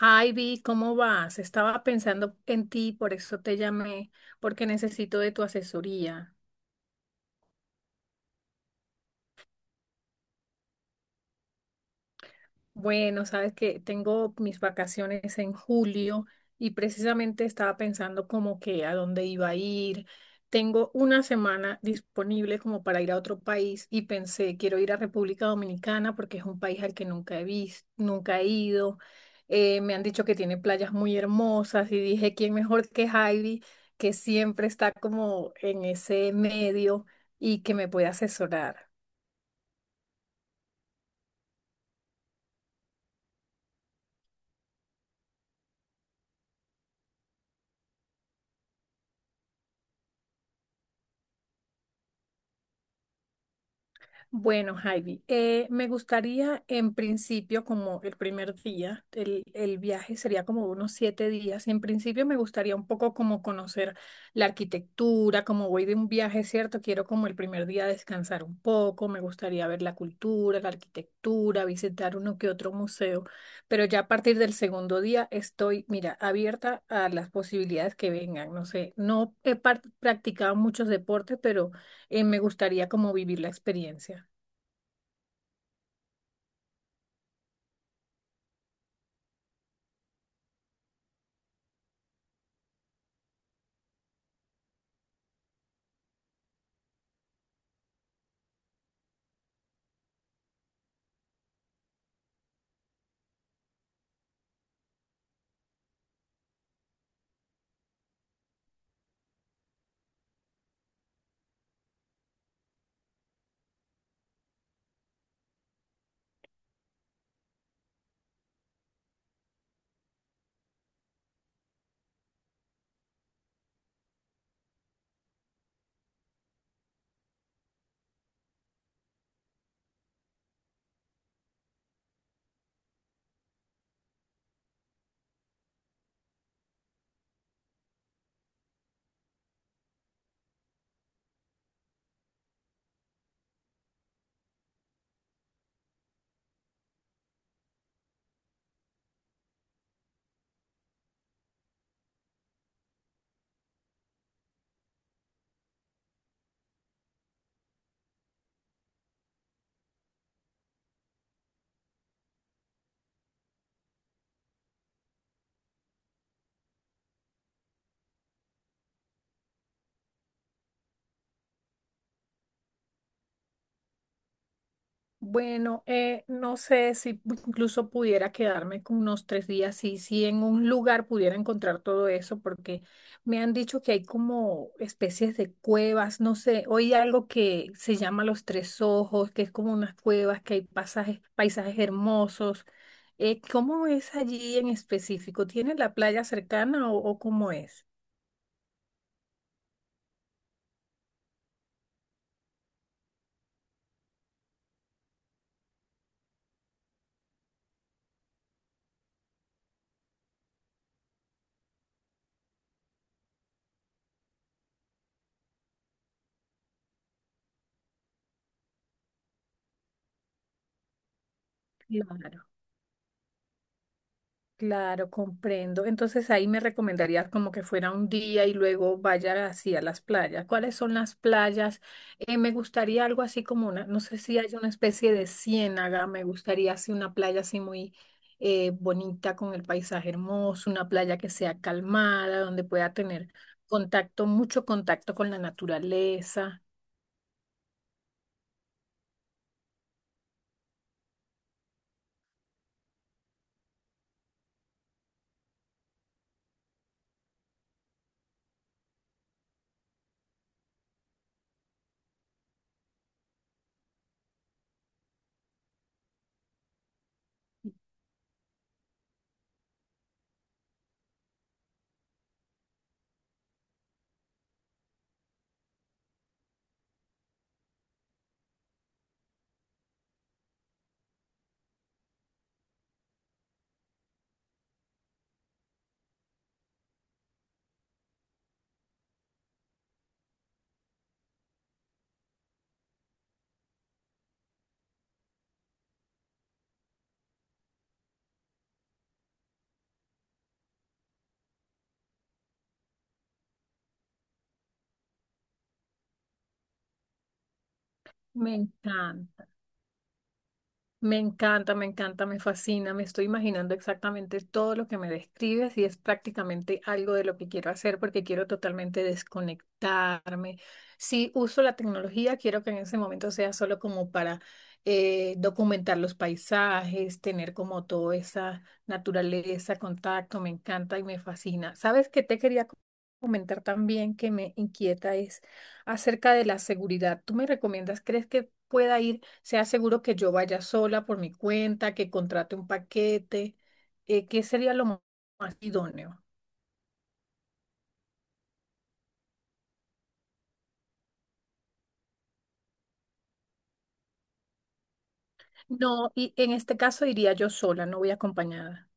Hi, Vi, ¿cómo vas? Estaba pensando en ti, por eso te llamé, porque necesito de tu asesoría. Bueno, sabes que tengo mis vacaciones en julio y precisamente estaba pensando como que a dónde iba a ir. Tengo una semana disponible como para ir a otro país y pensé, quiero ir a República Dominicana porque es un país al que nunca he visto, nunca he ido. Me han dicho que tiene playas muy hermosas y dije, ¿quién mejor que Heidi, que siempre está como en ese medio y que me puede asesorar? Bueno, Javi, me gustaría en principio, como el primer día, el viaje sería como unos 7 días. En principio me gustaría un poco como conocer la arquitectura, como voy de un viaje, ¿cierto? Quiero como el primer día descansar un poco, me gustaría ver la cultura, la arquitectura, visitar uno que otro museo, pero ya a partir del segundo día estoy, mira, abierta a las posibilidades que vengan. No sé, no he par- practicado muchos deportes, pero me gustaría como vivir la experiencia. Bueno, no sé si incluso pudiera quedarme con unos 3 días y si en un lugar pudiera encontrar todo eso, porque me han dicho que hay como especies de cuevas, no sé, hoy hay algo que se llama Los Tres Ojos, que es como unas cuevas, que hay pasajes, paisajes hermosos. ¿Cómo es allí en específico? ¿Tiene la playa cercana o cómo es? Claro. Claro, comprendo. Entonces ahí me recomendarías como que fuera un día y luego vaya hacia las playas. ¿Cuáles son las playas? Me gustaría algo así como una, no sé si hay una especie de ciénaga, me gustaría así una playa así muy bonita con el paisaje hermoso, una playa que sea calmada, donde pueda tener contacto, mucho contacto con la naturaleza. Me encanta. Me encanta, me encanta, me fascina, me estoy imaginando exactamente todo lo que me describes y es prácticamente algo de lo que quiero hacer porque quiero totalmente desconectarme. Si uso la tecnología, quiero que en ese momento sea solo como para documentar los paisajes, tener como toda esa naturaleza, contacto, me encanta y me fascina. ¿Sabes qué te quería comentar también que me inquieta es acerca de la seguridad? ¿Tú me recomiendas, crees que pueda ir? Sea seguro que yo vaya sola por mi cuenta, que contrate un paquete, ¿qué sería lo más idóneo? No, y en este caso iría yo sola, no voy acompañada.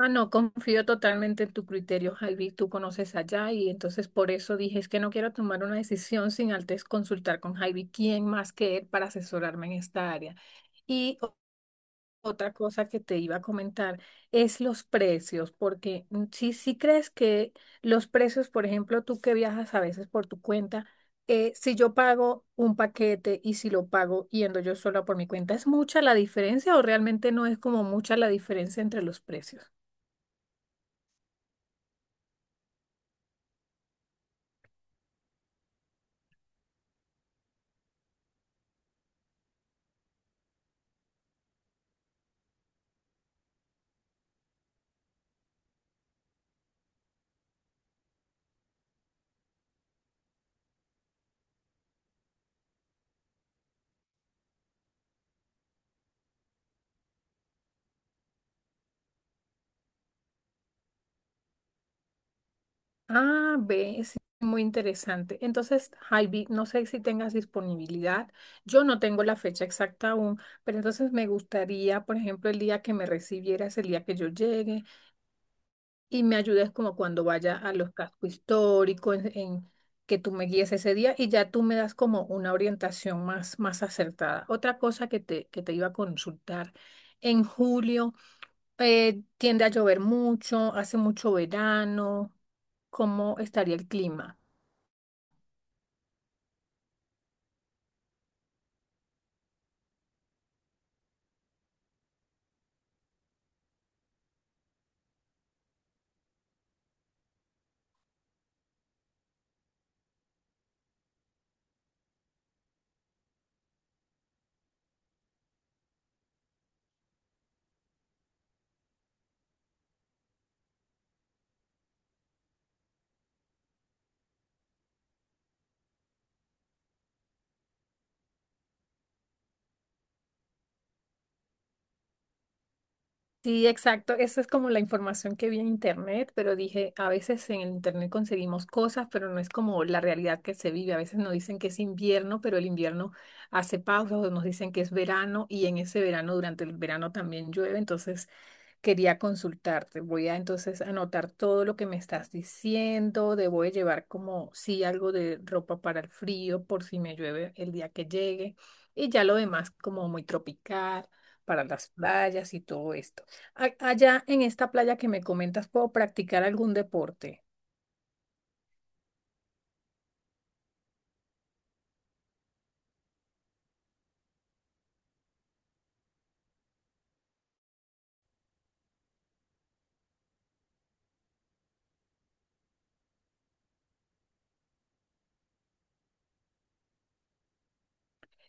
Ah, no, confío totalmente en tu criterio, Javi, tú conoces allá y entonces por eso dije, es que no quiero tomar una decisión sin antes consultar con Javi, quién más que él para asesorarme en esta área. Y otra cosa que te iba a comentar es los precios, porque si crees que los precios, por ejemplo, tú que viajas a veces por tu cuenta, si yo pago un paquete y si lo pago yendo yo sola por mi cuenta, ¿es mucha la diferencia o realmente no es como mucha la diferencia entre los precios? Ah, ve, es muy interesante. Entonces, Javi, no sé si tengas disponibilidad. Yo no tengo la fecha exacta aún, pero entonces me gustaría, por ejemplo, el día que me recibieras, el día que yo llegue. Y me ayudes como cuando vaya a los cascos históricos, en que tú me guíes ese día y ya tú me das como una orientación más, más acertada. Otra cosa que te iba a consultar, en julio tiende a llover mucho, hace mucho verano, ¿cómo estaría el clima? Sí, exacto. Esa es como la información que vi en internet, pero dije, a veces en el internet conseguimos cosas, pero no es como la realidad que se vive. A veces nos dicen que es invierno, pero el invierno hace pausas, o nos dicen que es verano y en ese verano, durante el verano también llueve. Entonces quería consultarte. Voy a entonces anotar todo lo que me estás diciendo. Debo de llevar como sí algo de ropa para el frío por si me llueve el día que llegue. Y ya lo demás como muy tropical para las playas y todo esto. Allá en esta playa que me comentas, ¿puedo practicar algún deporte?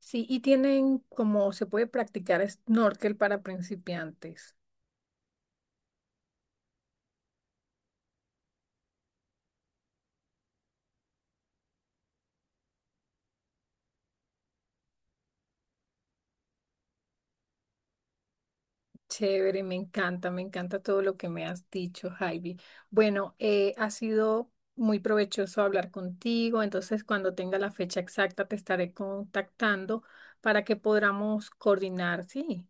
Sí, y tienen como se puede practicar snorkel para principiantes. Chévere, me encanta todo lo que me has dicho, Javi. Bueno, ha sido muy provechoso hablar contigo, entonces cuando tenga la fecha exacta te estaré contactando para que podamos coordinar, sí.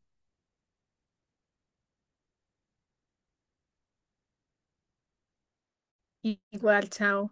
Igual, chao.